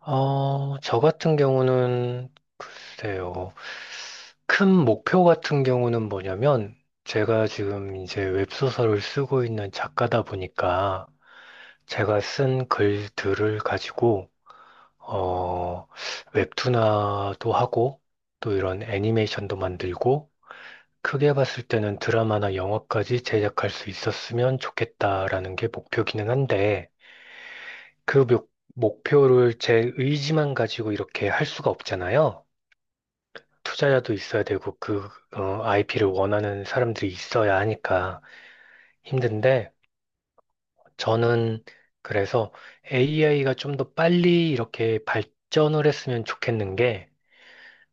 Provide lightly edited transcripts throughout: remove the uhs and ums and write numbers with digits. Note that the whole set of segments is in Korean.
저 같은 경우는 글쎄요. 큰 목표 같은 경우는 뭐냐면 제가 지금 이제 웹소설을 쓰고 있는 작가다 보니까 제가 쓴 글들을 가지고 어, 웹툰화도 하고 또 이런 애니메이션도 만들고 크게 봤을 때는 드라마나 영화까지 제작할 수 있었으면 좋겠다라는 게 목표기는 한데 그 목표를 제 의지만 가지고 이렇게 할 수가 없잖아요. 투자자도 있어야 되고 그 IP를 원하는 사람들이 있어야 하니까 힘든데 저는 그래서 AI가 좀 더 빨리 이렇게 발전을 했으면 좋겠는 게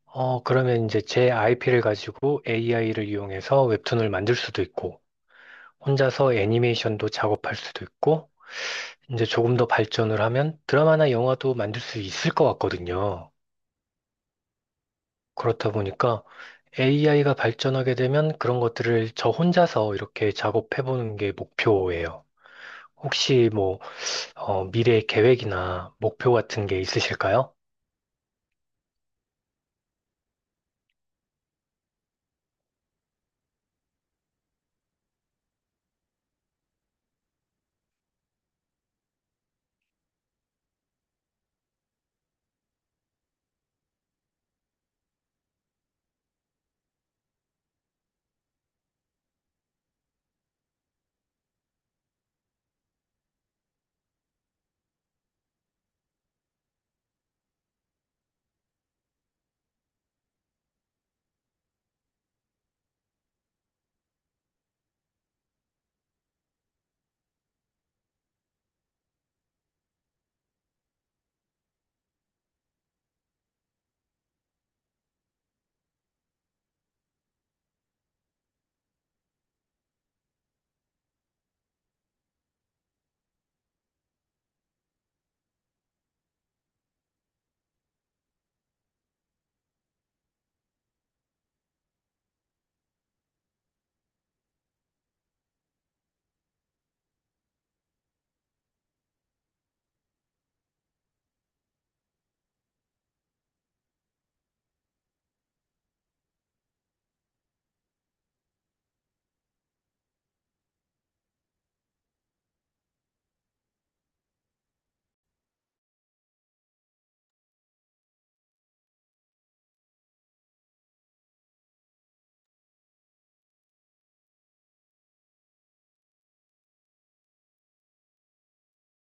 그러면 이제 제 IP를 가지고 AI를 이용해서 웹툰을 만들 수도 있고 혼자서 애니메이션도 작업할 수도 있고 이제 조금 더 발전을 하면 드라마나 영화도 만들 수 있을 것 같거든요. 그렇다 보니까 AI가 발전하게 되면 그런 것들을 저 혼자서 이렇게 작업해보는 게 목표예요. 혹시 뭐, 미래 계획이나 목표 같은 게 있으실까요?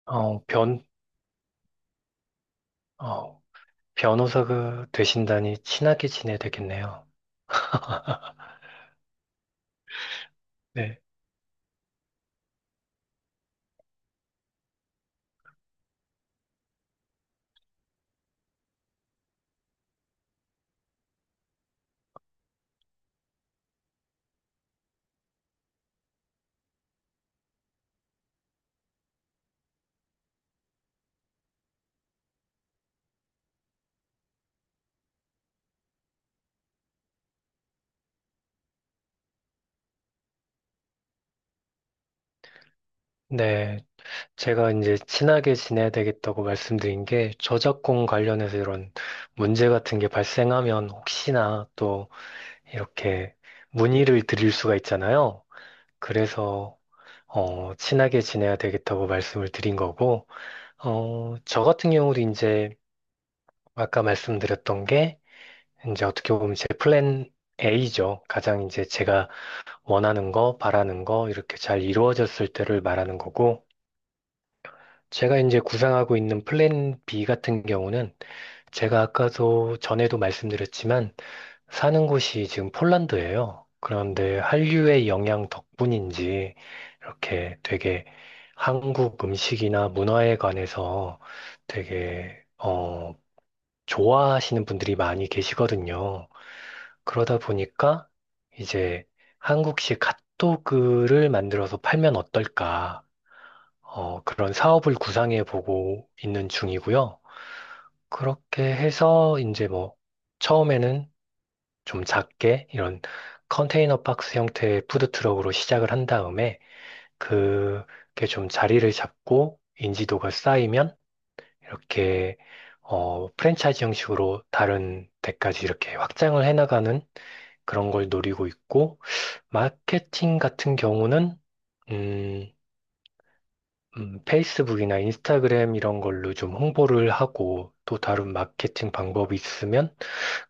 어, 변, 어, 변호사가 되신다니 친하게 지내야 되겠네요. 네. 네. 제가 이제 친하게 지내야 되겠다고 말씀드린 게 저작권 관련해서 이런 문제 같은 게 발생하면 혹시나 또 이렇게 문의를 드릴 수가 있잖아요. 그래서 친하게 지내야 되겠다고 말씀을 드린 거고, 저 같은 경우도 이제 아까 말씀드렸던 게, 이제 어떻게 보면 제 플랜 A죠. 가장 이제 제가 원하는 거, 바라는 거, 이렇게 잘 이루어졌을 때를 말하는 거고, 제가 이제 구상하고 있는 플랜 B 같은 경우는 제가 아까도 전에도 말씀드렸지만, 사는 곳이 지금 폴란드예요. 그런데 한류의 영향 덕분인지 이렇게 되게 한국 음식이나 문화에 관해서 되게 좋아하시는 분들이 많이 계시거든요. 그러다 보니까 이제 한국식 핫도그를 만들어서 팔면 어떨까? 그런 사업을 구상해 보고 있는 중이고요. 그렇게 해서 이제 뭐 처음에는 좀 작게 이런 컨테이너 박스 형태의 푸드트럭으로 시작을 한 다음에 그게 좀 자리를 잡고 인지도가 쌓이면 이렇게 프랜차이즈 형식으로 다른 데까지 이렇게 확장을 해나가는 그런 걸 노리고 있고 마케팅 같은 경우는 음, 페이스북이나 인스타그램 이런 걸로 좀 홍보를 하고 또 다른 마케팅 방법이 있으면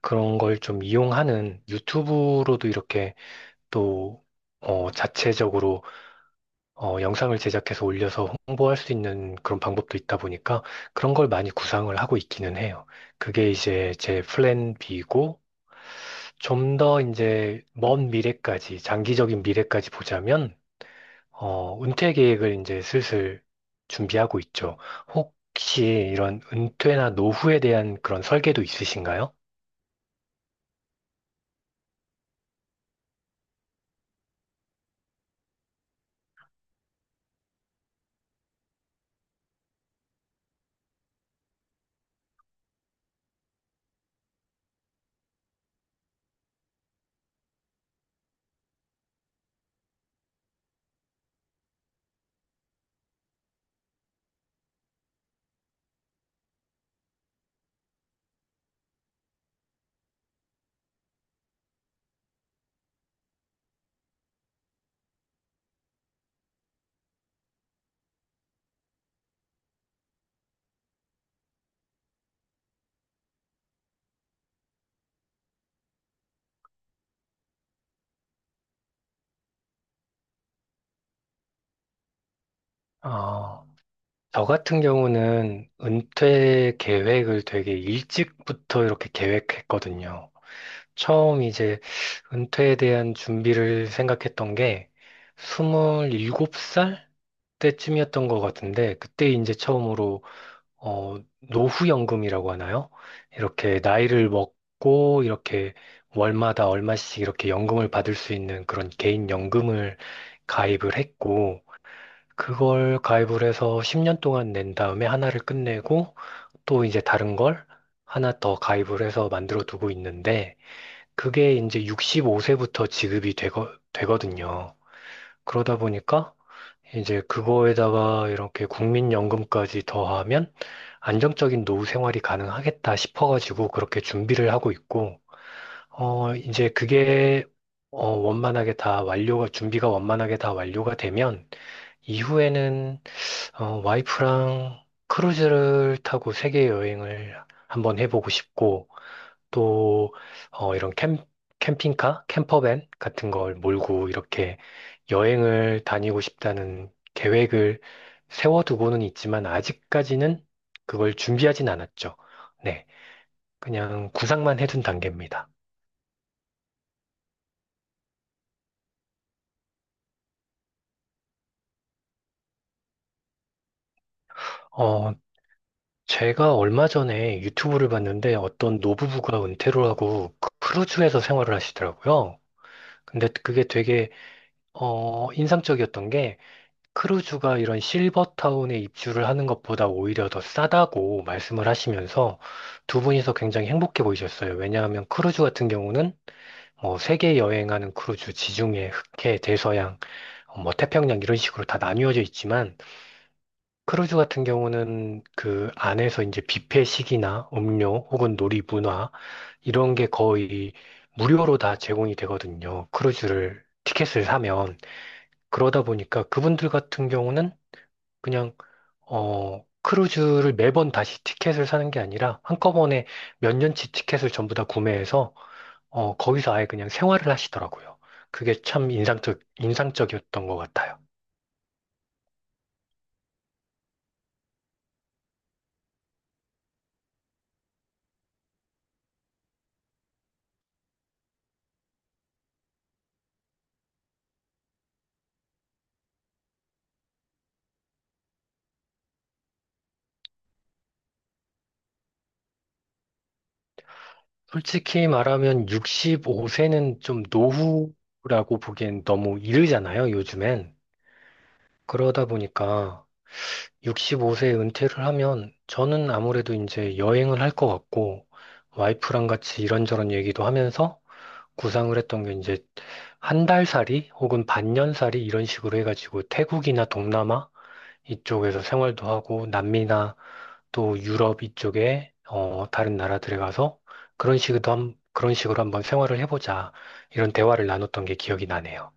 그런 걸 좀 이용하는 유튜브로도 이렇게 또 자체적으로 영상을 제작해서 올려서 홍보할 수 있는 그런 방법도 있다 보니까 그런 걸 많이 구상을 하고 있기는 해요. 그게 이제 제 플랜 B고 좀 더 이제 먼 미래까지 장기적인 미래까지 보자면 은퇴 계획을 이제 슬슬 준비하고 있죠. 혹시 이런 은퇴나 노후에 대한 그런 설계도 있으신가요? 아, 저 같은 경우는 은퇴 계획을 되게 일찍부터 이렇게 계획했거든요. 처음 이제 은퇴에 대한 준비를 생각했던 게 27살 때쯤이었던 것 같은데, 그때 이제 처음으로, 어, 노후연금이라고 하나요? 이렇게 나이를 먹고, 이렇게 월마다 얼마씩 이렇게 연금을 받을 수 있는 그런 개인연금을 가입을 했고, 그걸 가입을 해서 10년 동안 낸 다음에 하나를 끝내고 또 이제 다른 걸 하나 더 가입을 해서 만들어 두고 있는데 그게 이제 65세부터 지급이 되거든요. 그러다 보니까 이제 그거에다가 이렇게 국민연금까지 더하면 안정적인 노후 생활이 가능하겠다 싶어가지고 그렇게 준비를 하고 있고, 이제 그게 원만하게 다 준비가 원만하게 다 완료가 되면 이후에는 와이프랑 크루즈를 타고 세계 여행을 한번 해보고 싶고, 또, 이런 캠핑카? 캠퍼밴 같은 걸 몰고 이렇게 여행을 다니고 싶다는 계획을 세워두고는 있지만, 아직까지는 그걸 준비하진 않았죠. 네. 그냥 구상만 해둔 단계입니다. 어, 제가 얼마 전에 유튜브를 봤는데 어떤 노부부가 은퇴를 하고 그 크루즈에서 생활을 하시더라고요. 근데 그게 되게 인상적이었던 게 크루즈가 이런 실버타운에 입주를 하는 것보다 오히려 더 싸다고 말씀을 하시면서 두 분이서 굉장히 행복해 보이셨어요. 왜냐하면 크루즈 같은 경우는 뭐 세계 여행하는 크루즈, 지중해, 흑해, 대서양, 뭐 태평양 이런 식으로 다 나뉘어져 있지만 크루즈 같은 경우는 그 안에서 이제 뷔페식이나 음료 혹은 놀이 문화 이런 게 거의 무료로 다 제공이 되거든요. 크루즈를 티켓을 사면. 그러다 보니까 그분들 같은 경우는 그냥 크루즈를 매번 다시 티켓을 사는 게 아니라 한꺼번에 몇 년치 티켓을 전부 다 구매해서 거기서 아예 그냥 생활을 하시더라고요. 그게 참 인상적이었던 것 같아요. 솔직히 말하면 65세는 좀 노후라고 보기엔 너무 이르잖아요, 요즘엔. 그러다 보니까 65세에 은퇴를 하면 저는 아무래도 이제 여행을 할 것 같고 와이프랑 같이 이런저런 얘기도 하면서 구상을 했던 게 이제 한 달살이 혹은 반년살이 이런 식으로 해가지고 태국이나 동남아 이쪽에서 생활도 하고 남미나 또 유럽 이쪽에 다른 나라들에 가서 그런 식으로 한번 생활을 해보자 이런 대화를 나눴던 게 기억이 나네요.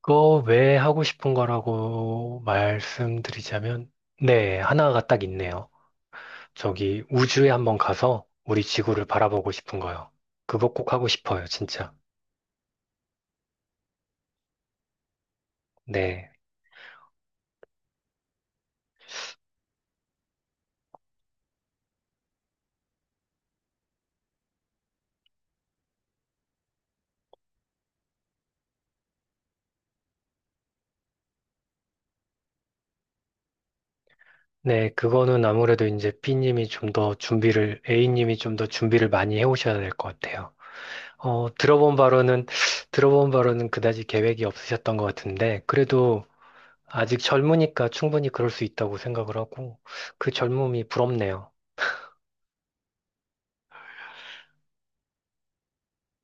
그거 왜 하고 싶은 거라고 말씀드리자면, 네, 하나가 딱 있네요. 저기 우주에 한번 가서 우리 지구를 바라보고 싶은 거요. 그거 꼭 하고 싶어요, 진짜. 네. 네, 그거는 아무래도 이제 B님이 좀 더 A님이 좀 더 준비를 많이 해오셔야 될 것 같아요. 어, 들어본 바로는, 들어본 바로는 그다지 계획이 없으셨던 것 같은데, 그래도 아직 젊으니까 충분히 그럴 수 있다고 생각을 하고, 그 젊음이 부럽네요.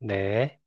네.